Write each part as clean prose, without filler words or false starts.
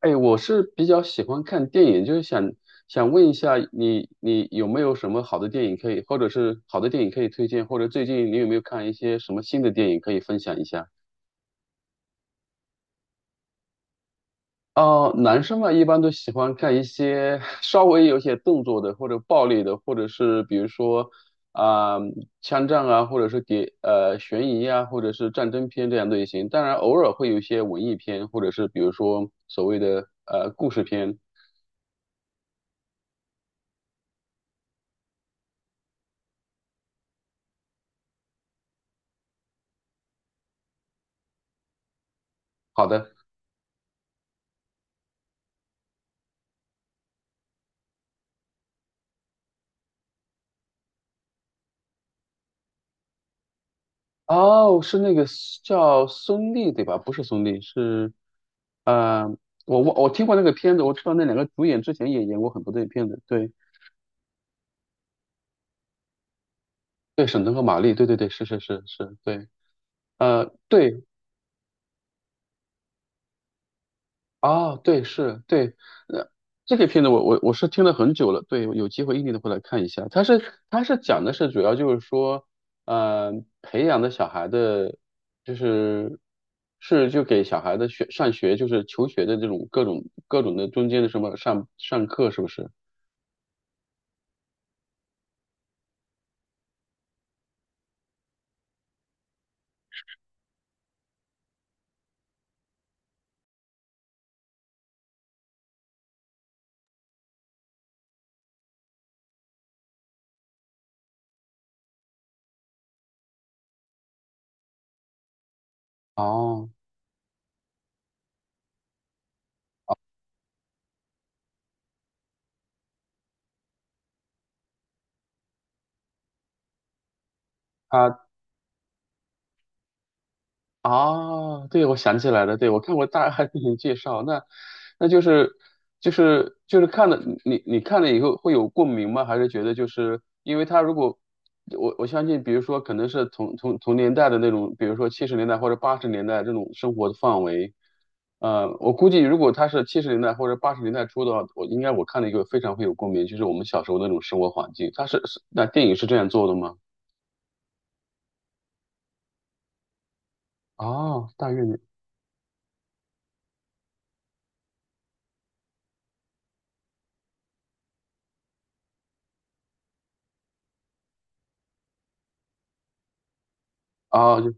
哎，我是比较喜欢看电影，就是想问一下你有没有什么好的电影可以，或者是好的电影可以推荐，或者最近你有没有看一些什么新的电影可以分享一下？哦，男生嘛，一般都喜欢看一些 稍微有些动作的，或者暴力的，或者是比如说啊、枪战啊，或者是悬疑啊，或者是战争片这样类型。当然，偶尔会有一些文艺片，或者是比如说所谓的故事片。好的。哦，是那个 叫孙俪对吧？不是孙俪，是呃，我听过那个片子，我知道那两个主演之前也演过很多的片子，对对，沈腾和马丽，对对对，是是是是，对，对，哦，对，是，对，呃，这个片子我是听了很久了，对，有机会一定得会来看一下。它是讲的是主要就是说，呃，培养的小孩的，就是就给小孩的学上学就是求学的这种各种的中间的什么上课是不是？哦。啊，对，我想起来了，对，我看过大概进行介绍，那就是就是看了你看了以后会有共鸣吗？还是觉得就是因为他如果我相信，比如说可能是同年代的那种，比如说七十年代或者八十年代这种生活的范围，我估计如果他是七十年代或者八十年代初的话，我应该我看了一个非常会有共鸣，就是我们小时候那种生活环境，他是那电影是这样做的吗？哦，大院里，哦就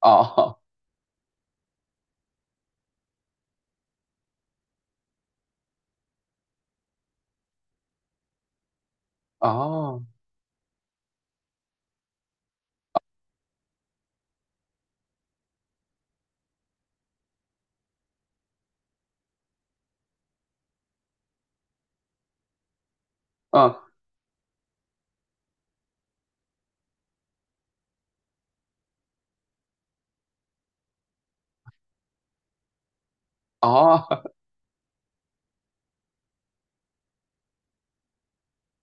哦 哦。啊，哦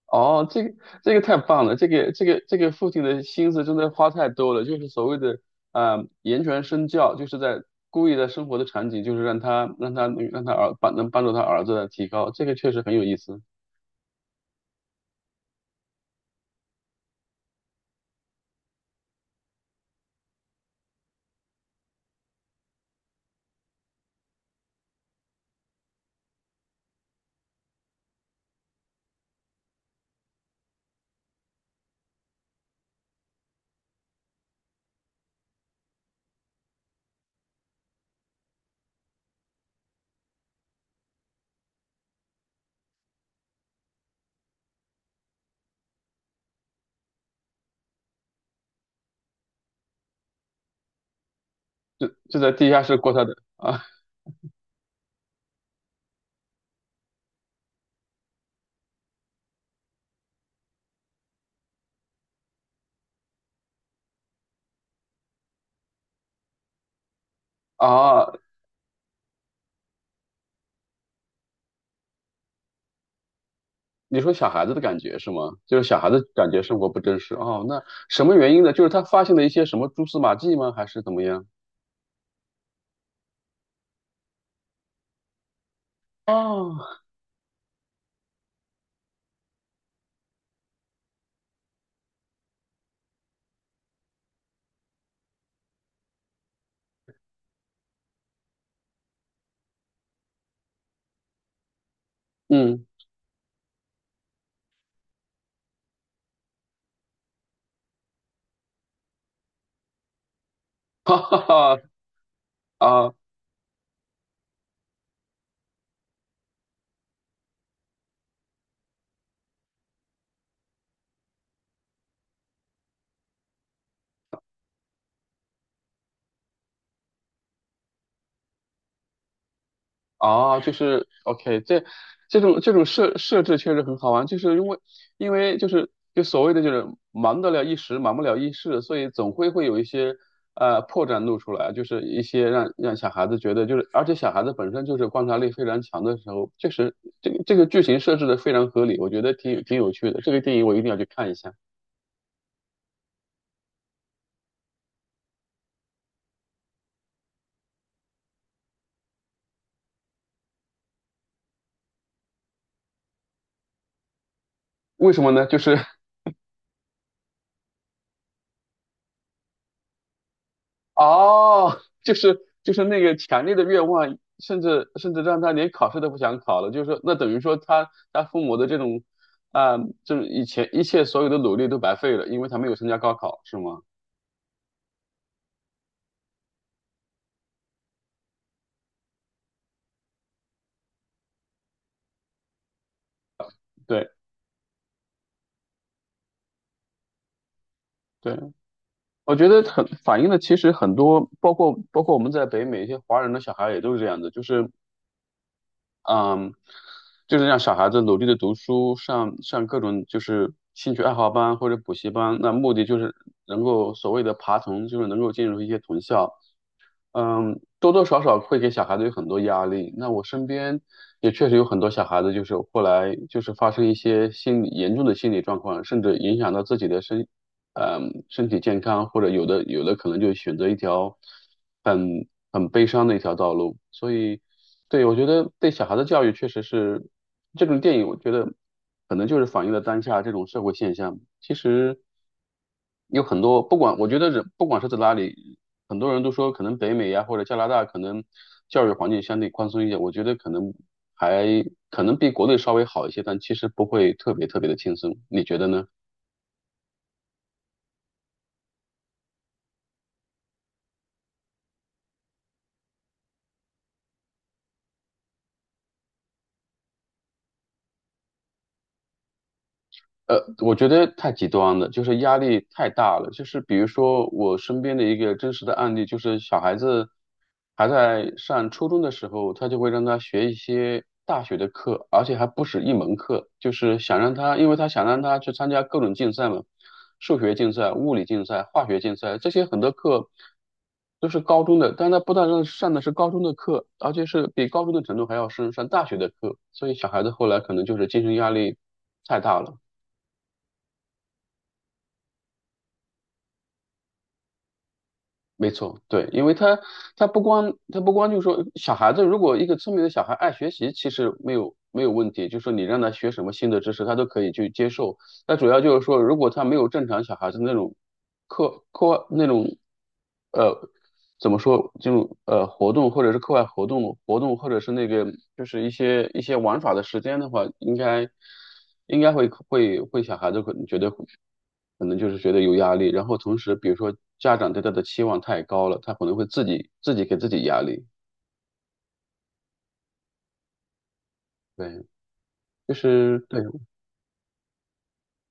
哦，这个太棒了，这个父亲的心思真的花太多了，就是所谓的啊言传身教，就是在故意在生活的场景，就是让帮助他儿子来提高，这个确实很有意思，就在地下室过他的啊啊，你说小孩子的感觉是吗？就是小孩子感觉生活不真实哦，那什么原因呢？就是他发现了一些什么蛛丝马迹吗？还是怎么样？哦，嗯，哈哈哈啊。啊，就是 OK，这种设置确实很好玩，就是因为就是所谓的就是忙得了一时，忙不了一世，所以总会有一些破绽露出来，就是一些让小孩子觉得就是，而且小孩子本身就是观察力非常强的时候，确实这个剧情设置的非常合理，我觉得挺有趣的，这个电影我一定要去看一下。为什么呢？就是 哦，就是那个强烈的愿望，甚至让他连考试都不想考了，就是说，那等于说他父母的这种啊、就是以前一切所有的努力都白费了，因为他没有参加高考，是吗？对对，我觉得很反映了其实很多，包括我们在北美一些华人的小孩也都是这样的，就是嗯，就是让小孩子努力的读书，上各种就是兴趣爱好班或者补习班，那目的就是能够所谓的爬藤，就是能够进入一些藤校。嗯，多多少少会给小孩子有很多压力。那我身边也确实有很多小孩子，就是后来就是发生一些心理严重的心理状况，甚至影响到自己的身体健康，或者有的可能就选择一条很悲伤的一条道路。所以，对，我觉得对小孩的教育确实是这种电影，我觉得可能就是反映了当下这种社会现象。其实有很多，不管我觉得人不管是在哪里，很多人都说可能北美呀或者加拿大可能教育环境相对宽松一点，我觉得可能还可能比国内稍微好一些，但其实不会特别特别的轻松。你觉得呢？呃，我觉得太极端了，就是压力太大了。就是比如说，我身边的一个真实的案例，就是小孩子还在上初中的时候，他就会让他学一些大学的课，而且还不止一门课，就是想让他，因为他想让他去参加各种竞赛嘛，数学竞赛、物理竞赛、化学竞赛，这些很多课都是高中的，但他不但是上的是高中的课，而且是比高中的程度还要深，上大学的课，所以小孩子后来可能就是精神压力太大了。没错，对，因为他不光就是说小孩子，如果一个聪明的小孩爱学习，其实没有问题，就是说你让他学什么新的知识，他都可以去接受。那主要就是说，如果他没有正常小孩子那种课外那种呃怎么说就活动或者是课外活动或者是那个就是一些玩耍的时间的话，应该会小孩子可能觉得可能就是觉得有压力，然后同时比如说家长对他的期望太高了，他可能会自己给自己压力，对，就是对。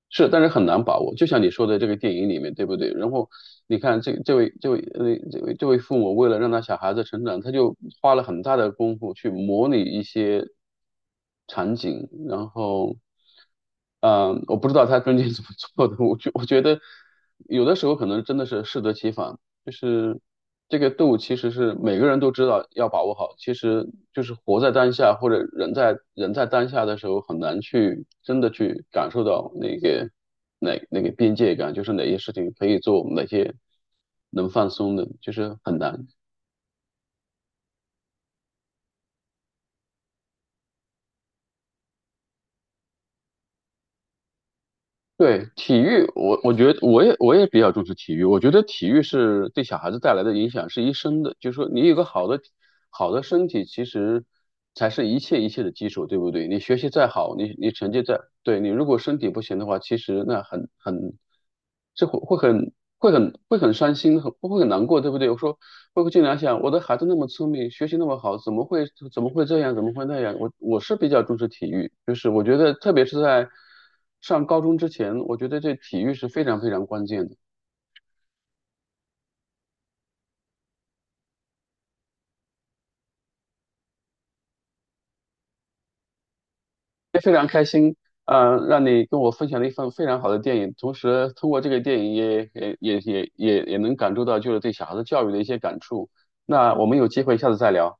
是，但是很难把握。就像你说的这个电影里面，对不对？然后你看这位父母为了让他小孩子成长，他就花了很大的功夫去模拟一些场景，然后，嗯、我不知道他中间怎么做的。我觉得有的时候可能真的是适得其反。就是这个度，其实是每个人都知道要把握好。其实就是活在当下，或者人在当下的时候，很难去真的去感受到那个哪那个边界感，就是哪些事情可以做，哪些能放松的，就是很难。对，体育，我觉得我也比较重视体育。我觉得体育是对小孩子带来的影响是一生的，就是说你有个好的身体，其实才是一切的基础，对不对？你学习再好，你成绩再，对，你如果身体不行的话，其实那很很，这会很伤心，很难过，对不对？我说包括经常想，我的孩子那么聪明，学习那么好，怎么会这样，怎么会那样？我是比较重视体育，就是我觉得特别是在上高中之前，我觉得这体育是非常非常关键的。啊，让你跟我分享了一份非常好的电影，同时通过这个电影也能感受到就是对小孩子教育的一些感触。那我们有机会下次再聊。